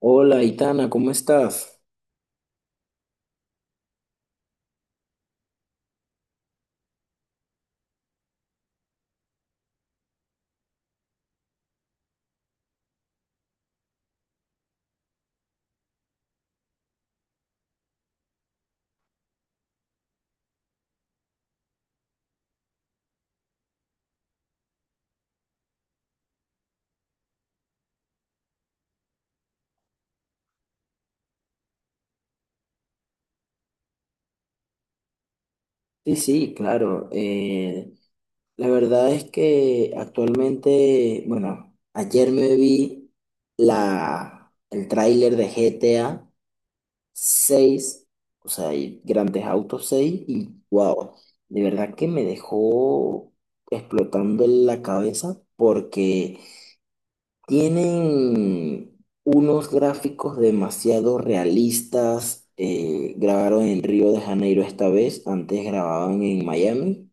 Hola, Itana, ¿cómo estás? Sí, sí, claro. La verdad es que actualmente, bueno, ayer me vi el tráiler de GTA 6, o sea, y Grandes Autos 6. Y wow, de verdad que me dejó explotando en la cabeza porque tienen unos gráficos demasiado realistas. Grabaron en Río de Janeiro esta vez, antes grababan en Miami,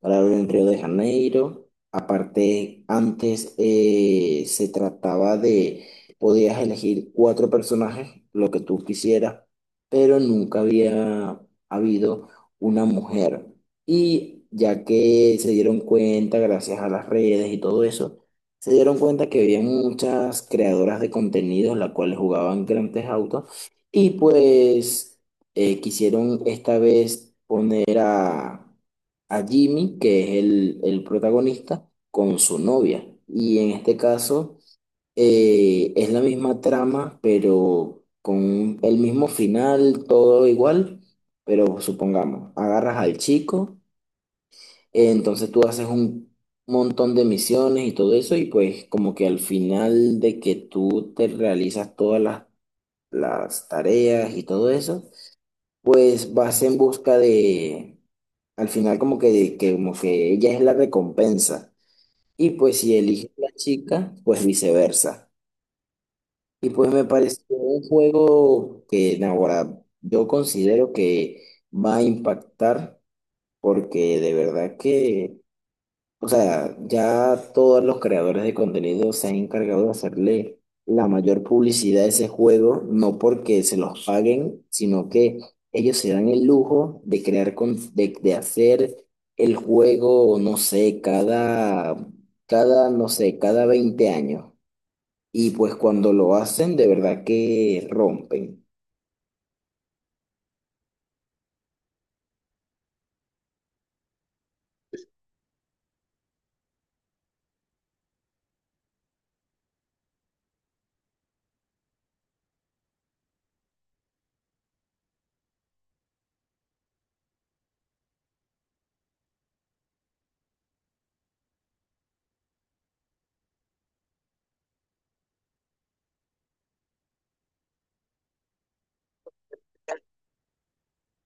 para ver en Río de Janeiro. Aparte, antes podías elegir 4 personajes, lo que tú quisieras, pero nunca había habido una mujer. Y ya que se dieron cuenta, gracias a las redes y todo eso, se dieron cuenta que había muchas creadoras de contenidos, las cuales jugaban grandes autos, y pues quisieron esta vez poner a Jimmy, que es el protagonista, con su novia. Y en este caso es la misma trama, pero con el mismo final, todo igual. Pero supongamos, agarras al chico, entonces tú haces un montón de misiones y todo eso, y pues como que al final de que tú te realizas todas las tareas y todo eso, pues vas en busca de, al final como que, de que como que ella es la recompensa. Y pues si eliges la chica, pues viceversa. Y pues me pareció un juego que no, ahora yo considero que va a impactar, porque de verdad que, o sea, ya todos los creadores de contenido se han encargado de hacerle la mayor publicidad a ese juego, no porque se los paguen, sino que ellos se dan el lujo de crear, de hacer el juego, no sé, cada, no sé, cada 20 años. Y pues cuando lo hacen, de verdad que rompen.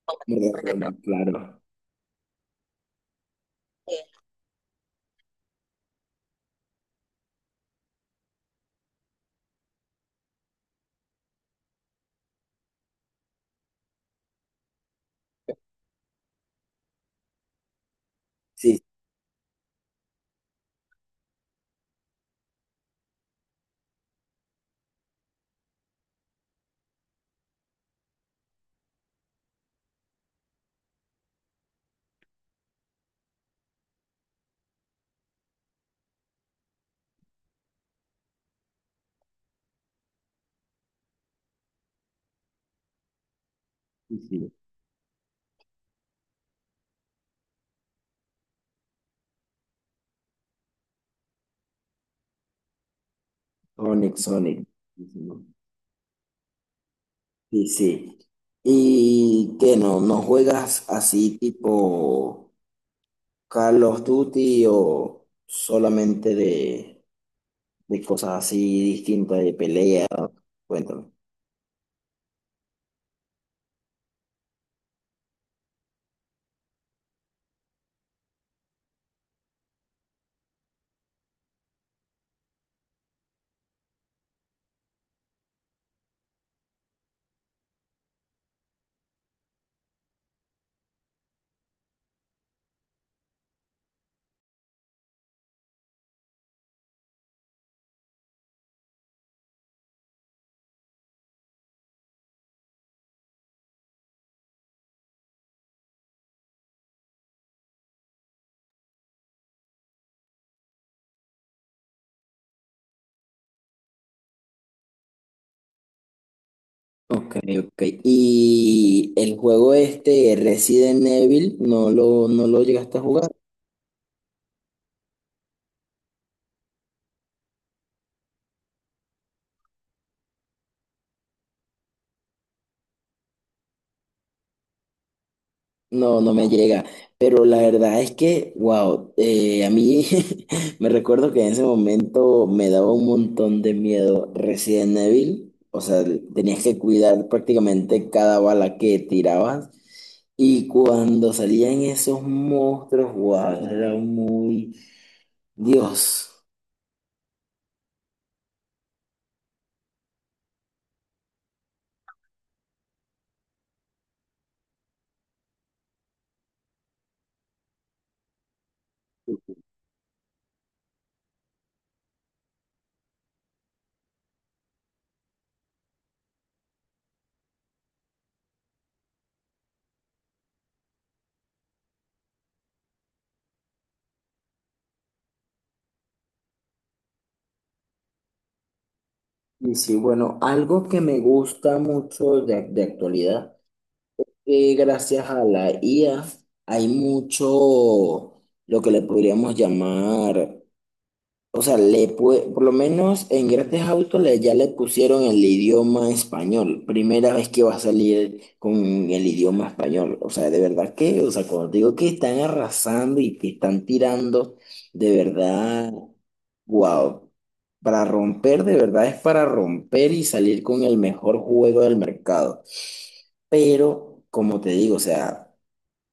Como rompen, claro. Sí, sí, sí. Sonic, Sonic. Sí, sí. Sí, sí. ¿Y qué no? ¿No juegas así tipo Call of Duty o solamente de cosas así distintas de pelea? Cuéntame. Ok, ok. ¿Y el juego este, Resident Evil, no lo llegaste a jugar? No, no me llega, pero la verdad es que, wow, a mí me recuerdo que en ese momento me daba un montón de miedo Resident Evil, o sea, tenías que cuidar prácticamente cada bala que tirabas, y cuando salían esos monstruos, wow, era muy Dios. Y sí, bueno, algo que me gusta mucho de actualidad, que gracias a la IA hay mucho, lo que le podríamos llamar, o sea, por lo menos en Grand Theft Auto le, ya le pusieron el idioma español, primera vez que va a salir con el idioma español. O sea, de verdad que, o sea, cuando digo que están arrasando y que están tirando, de verdad, wow, para romper, de verdad es para romper y salir con el mejor juego del mercado. Pero, como te digo, o sea,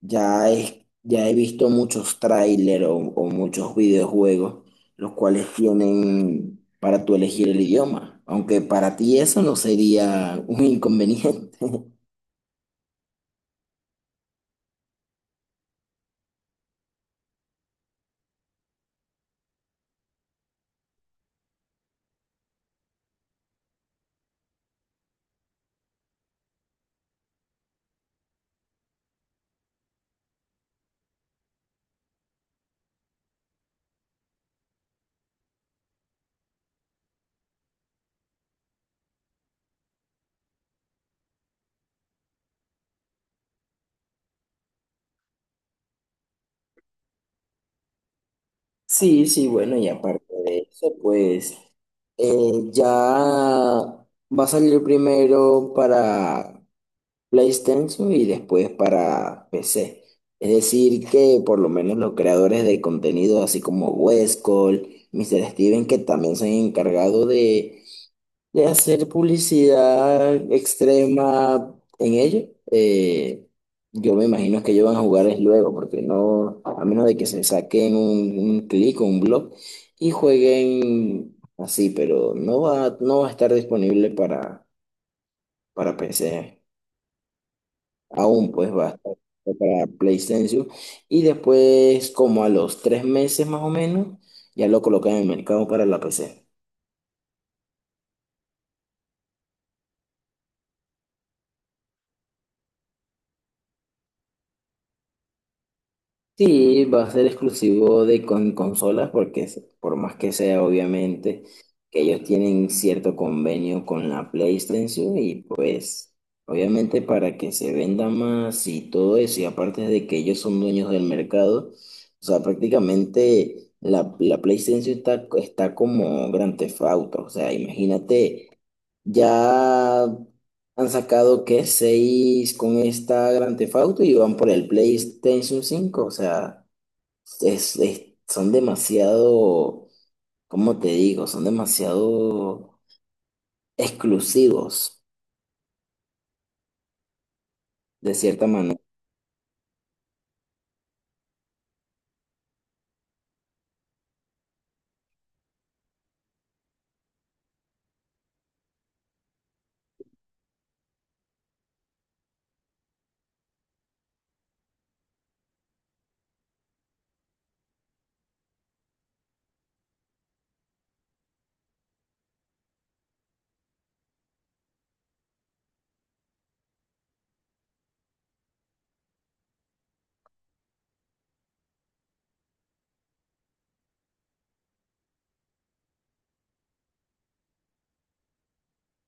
ya he visto muchos trailers o muchos videojuegos, los cuales tienen para tú elegir el idioma, aunque para ti eso no sería un inconveniente. Sí, sí, bueno, y aparte de eso, pues ya va a salir primero para PlayStation y después para PC. Es decir, que por lo menos los creadores de contenido, así como Wes Cole, Mr. Steven, que también se han encargado de hacer publicidad extrema en ello, yo me imagino que ellos van a jugar es luego, porque no, a menos de que se saquen un clic o un blog y jueguen así, pero no va a estar disponible para PC. Aún pues va a estar para PlayStation. Y después, como a los 3 meses más o menos, ya lo colocan en el mercado para la PC. Sí, va a ser exclusivo de con consolas, porque es- por más que sea, obviamente, que ellos tienen cierto convenio con la PlayStation y pues obviamente para que se venda más y todo eso, y aparte de que ellos son dueños del mercado, o sea, prácticamente la PlayStation está, está como Grand Theft Auto, o sea, imagínate. Ya han sacado que 6 con esta Grand Theft Auto y van por el PlayStation 5. O sea, es- son demasiado, ¿cómo te digo? Son demasiado exclusivos, de cierta manera.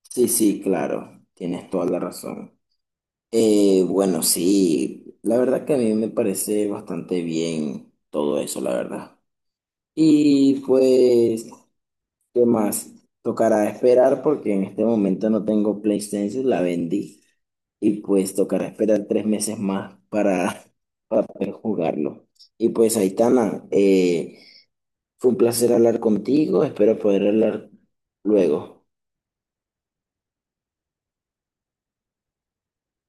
Sí, sí, claro, tienes toda la razón. Bueno, sí, la verdad que a mí me parece bastante bien todo eso, la verdad. Y pues ¿qué más? Tocará esperar porque en este momento no tengo PlayStation, la vendí. Y pues tocará esperar 3 meses más para poder jugarlo. Y pues Aitana, fue un placer hablar contigo, espero poder hablar luego.